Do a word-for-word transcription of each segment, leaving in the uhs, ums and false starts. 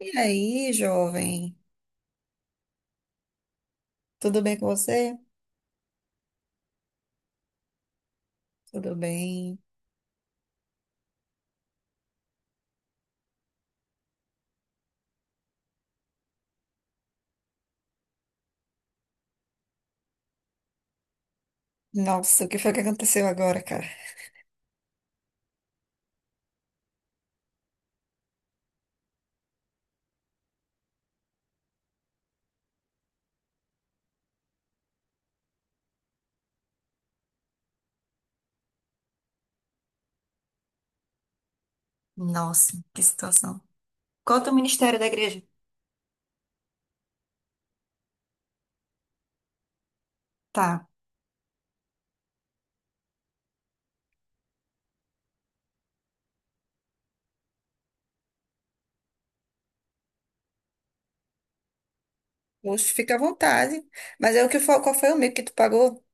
E aí, jovem? Tudo bem com você? Tudo bem. Nossa, o que foi que aconteceu agora, cara? Nossa, que situação. Conta o ministério da igreja. Tá. Poxa, fica à vontade. Mas é o que foi, qual foi o meio que tu pagou?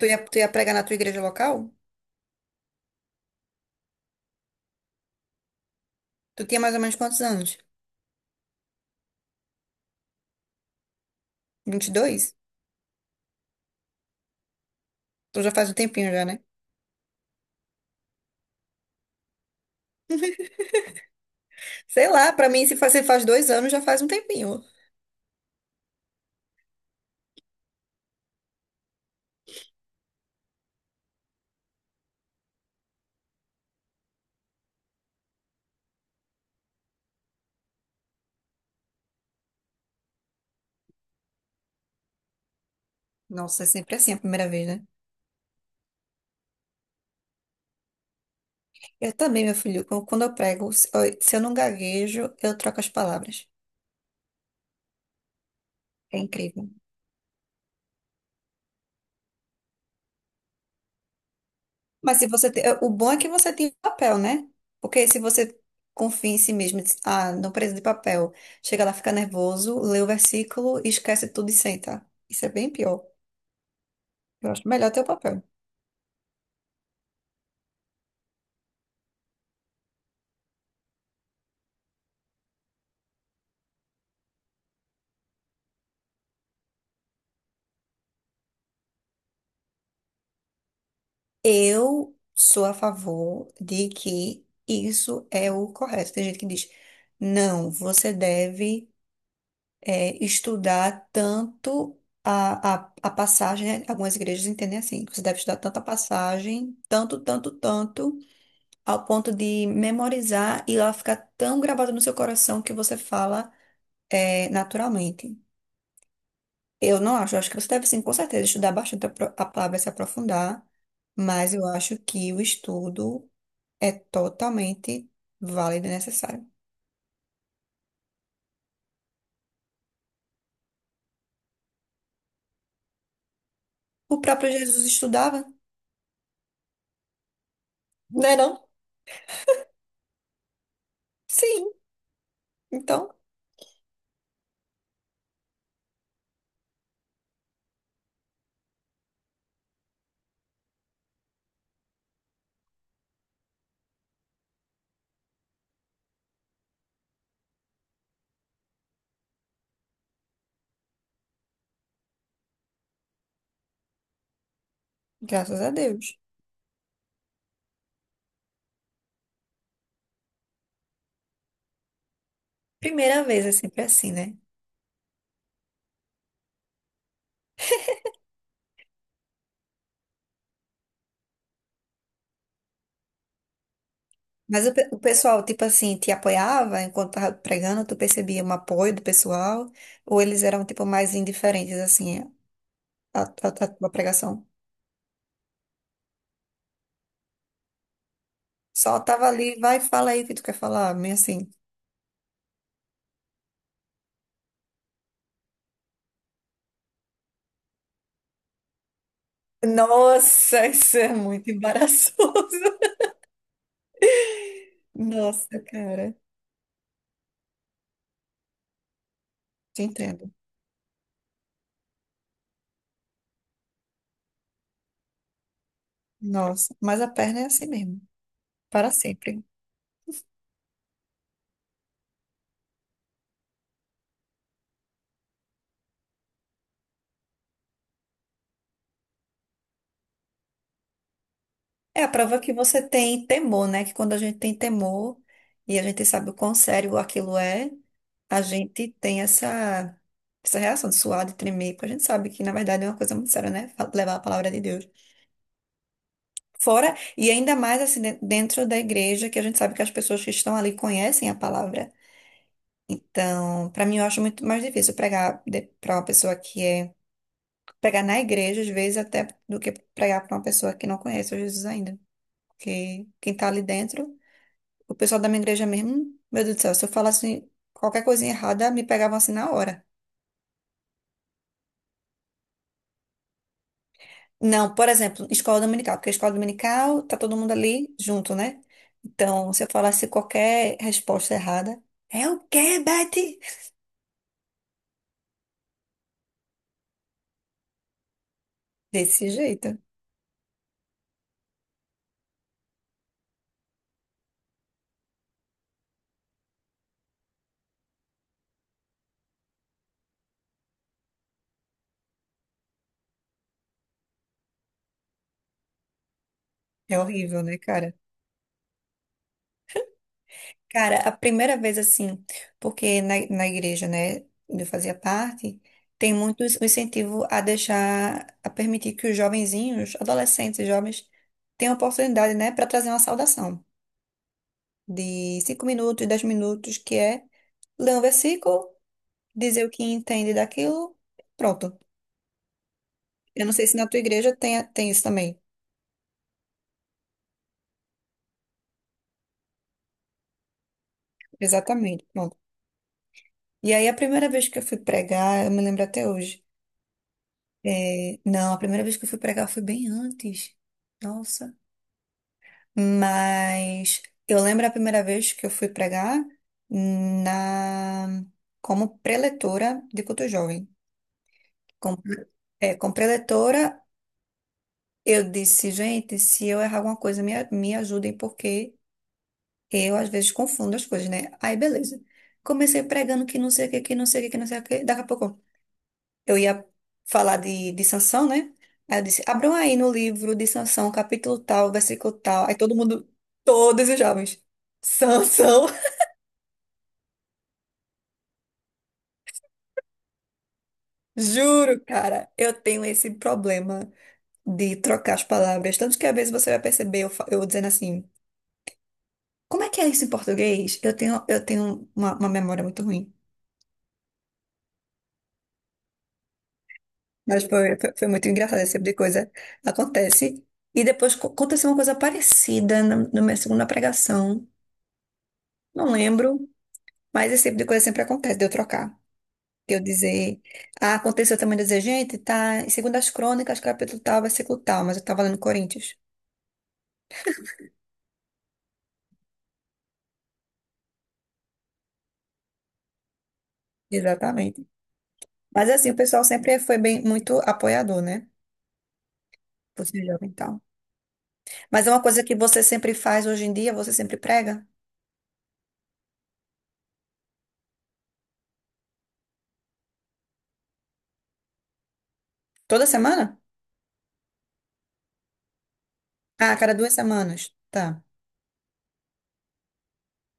Tu ia, tu ia pregar na tua igreja local? Tu tinha mais ou menos quantos anos? Vinte e dois. Tu já faz um tempinho já, né? Sei lá, pra mim, se faz, se faz dois anos, já faz um tempinho. Nossa, é sempre assim a primeira vez, né? Eu também, meu filho, quando quando eu prego, se eu se eu não gaguejo, eu troco as palavras. É incrível. Mas se você te- o bom é que você tem papel, né? Porque se você confia em si mesmo, e diz, ah, não preciso de papel, chega lá, fica nervoso, lê o versículo, esquece tudo e senta. Isso é bem pior. Eu acho melhor ter o papel. Eu sou a favor de que isso é o correto. Tem gente que diz, não, você deve eh, estudar tanto a, a, a passagem, né? Algumas igrejas entendem assim, que você deve estudar tanto a passagem, tanto, tanto, tanto. Ao ponto de memorizar e ela ficar tão gravada no seu coração que você fala é, naturalmente. Eu não acho, eu acho que você deve sim, com certeza, estudar bastante a, pro- a palavra, se aprofundar, mas eu acho que o estudo é totalmente válido e necessário. O próprio Jesus estudava, não é não? Sim, então, graças a Deus. Primeira vez é sempre assim, né? Mas o, pe- o pessoal, tipo assim, te apoiava enquanto tava pregando, tu percebia um apoio do pessoal? Ou eles eram, tipo, mais indiferentes, assim, à, à, à tua pregação? Só tava ali, vai, fala aí o que tu quer falar, meio assim. Nossa, isso é muito embaraçoso. Nossa, cara, te entendo. Nossa, mas a perna é assim mesmo, para sempre. É a prova que você tem temor, né? Que quando a gente tem temor e a gente sabe o quão sério aquilo é, a gente tem essa, essa reação de suar, de tremer, porque a gente sabe que, na verdade, é uma coisa muito séria, né? Fa- Levar a palavra de Deus. Fora, e ainda mais assim, de- dentro da igreja, que a gente sabe que as pessoas que estão ali conhecem a palavra. Então, para mim, eu acho muito mais difícil pregar para uma pessoa que é. Pregar na igreja, às vezes, até do que pregar para uma pessoa que não conhece o Jesus ainda. Porque quem tá ali dentro. O pessoal da minha igreja mesmo, meu Deus do céu, se eu falasse qualquer coisinha errada, me pegavam assim na hora. Não, por exemplo, escola dominical, porque a escola dominical tá todo mundo ali junto, né? Então, se eu falasse qualquer resposta errada, é o quê, Betty? Desse jeito. É horrível, né, cara? Cara, a primeira vez assim, porque na, na igreja, né, onde eu fazia parte, tem muito esse- o incentivo a deixar, a permitir que os jovenzinhos, adolescentes, e jovens, tenham oportunidade, né, para trazer uma saudação de cinco minutos, dez minutos, que é ler um versículo, dizer o que entende daquilo, pronto. Eu não sei se na tua igreja tem, tem isso também. Exatamente, pronto. E aí a primeira vez que eu fui pregar, eu me lembro até hoje. É, não, a primeira vez que eu fui pregar foi bem antes. Nossa. Mas eu lembro a primeira vez que eu fui pregar na como preletora de culto jovem. Como, é, como preletora eu disse, gente, se eu errar alguma coisa, me, a- me ajudem, porque eu às vezes confundo as coisas, né? Aí, beleza. Comecei pregando que não sei o que, que não sei o que, que não sei o que. Daqui a pouco eu ia falar de, de, Sansão, né? Aí eu disse, abram aí no livro de Sansão, capítulo tal, versículo tal. Aí todo mundo, todos os jovens, Sansão, juro, cara, eu tenho esse problema de trocar as palavras. Tanto que às vezes você vai perceber eu, fa- eu dizendo assim. Como é que é isso em português? Eu tenho, eu tenho uma, uma, memória muito ruim. Mas foi, foi foi muito engraçado, esse tipo de coisa acontece. E depois co- aconteceu uma coisa parecida na, na minha segunda pregação. Não lembro, mas esse tipo de coisa sempre acontece, de eu trocar. De eu dizer, ah, aconteceu também de eu dizer, gente, tá em Segundas Crônicas, capítulo tal, versículo tal, mas eu tava lendo Coríntios. Exatamente. Mas assim, o pessoal sempre foi bem, muito apoiador, né? Por ser jovem e tal. Mas é uma coisa que você sempre faz hoje em dia, você sempre prega? Toda semana? Ah, a cada duas semanas. Tá.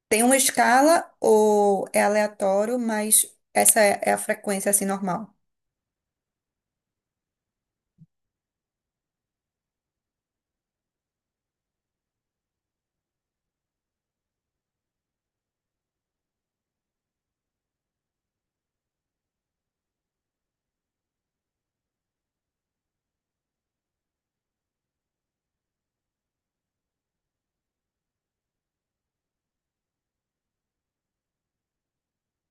Tem uma escala ou é aleatório, mas essa é é a frequência, assim, normal.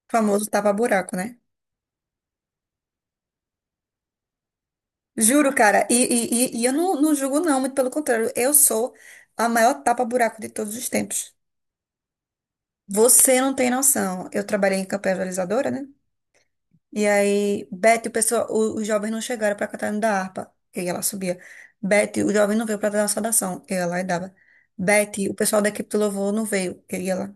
O famoso tapa-buraco, né? Juro, cara. E, e, e, e eu não, não julgo, não. Muito pelo contrário. Eu sou a maior tapa-buraco de todos os tempos. Você não tem noção. Eu trabalhei em campanha realizadora, né? E aí, Beth, o pessoal, o, os jovens não chegaram para cantar no da harpa. E aí ela subia. Beth, o jovem não veio para dar uma saudação. Eu ia lá e dava. Beth, o pessoal da equipe do louvor não veio. Eu ia lá.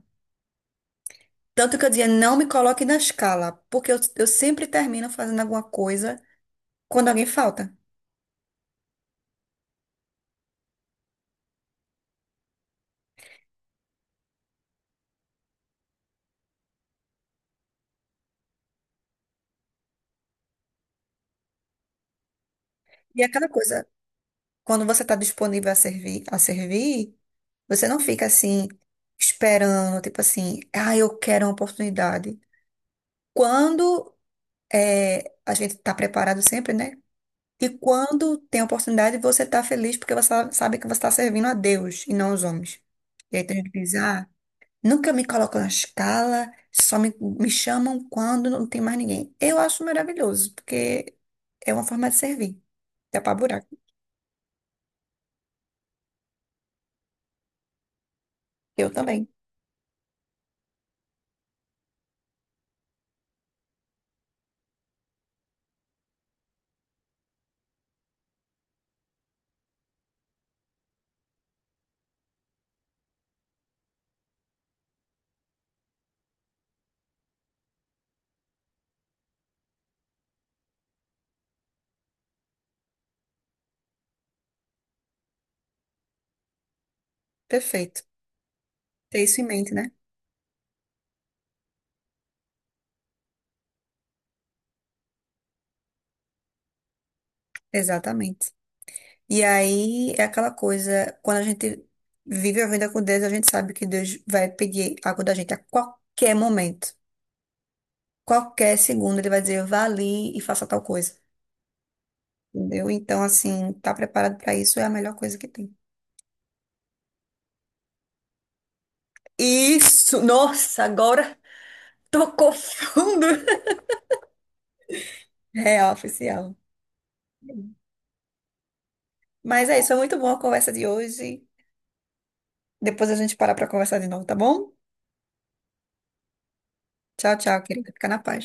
Tanto que eu dizia, não me coloque na escala, porque eu, eu sempre termino fazendo alguma coisa quando alguém falta. E é aquela coisa, quando você está disponível a servir, a servir, você não fica assim, esperando, tipo assim, ah, eu quero uma oportunidade. Quando é, a gente está preparado sempre, né? E quando tem oportunidade, você está feliz porque você sabe que você está servindo a Deus e não aos homens. E aí tem gente que diz, ah, nunca me colocam na escala, só me, me chamam quando não tem mais ninguém. Eu acho maravilhoso, porque é uma forma de servir. Dá pra buraco. Eu também. Perfeito. Ter isso em mente, né? Exatamente. E aí é aquela coisa, quando a gente vive a vida com Deus, a gente sabe que Deus vai pedir algo da gente a qualquer momento. Qualquer segundo ele vai dizer, vá ali e faça tal coisa. Entendeu? Então, assim, tá preparado pra isso é a melhor coisa que tem. Isso! Nossa, agora tocou fundo. É oficial. Mas é isso, foi muito boa a conversa de hoje. Depois a gente para para conversar de novo, tá bom? Tchau, tchau, querida. Fica na paz.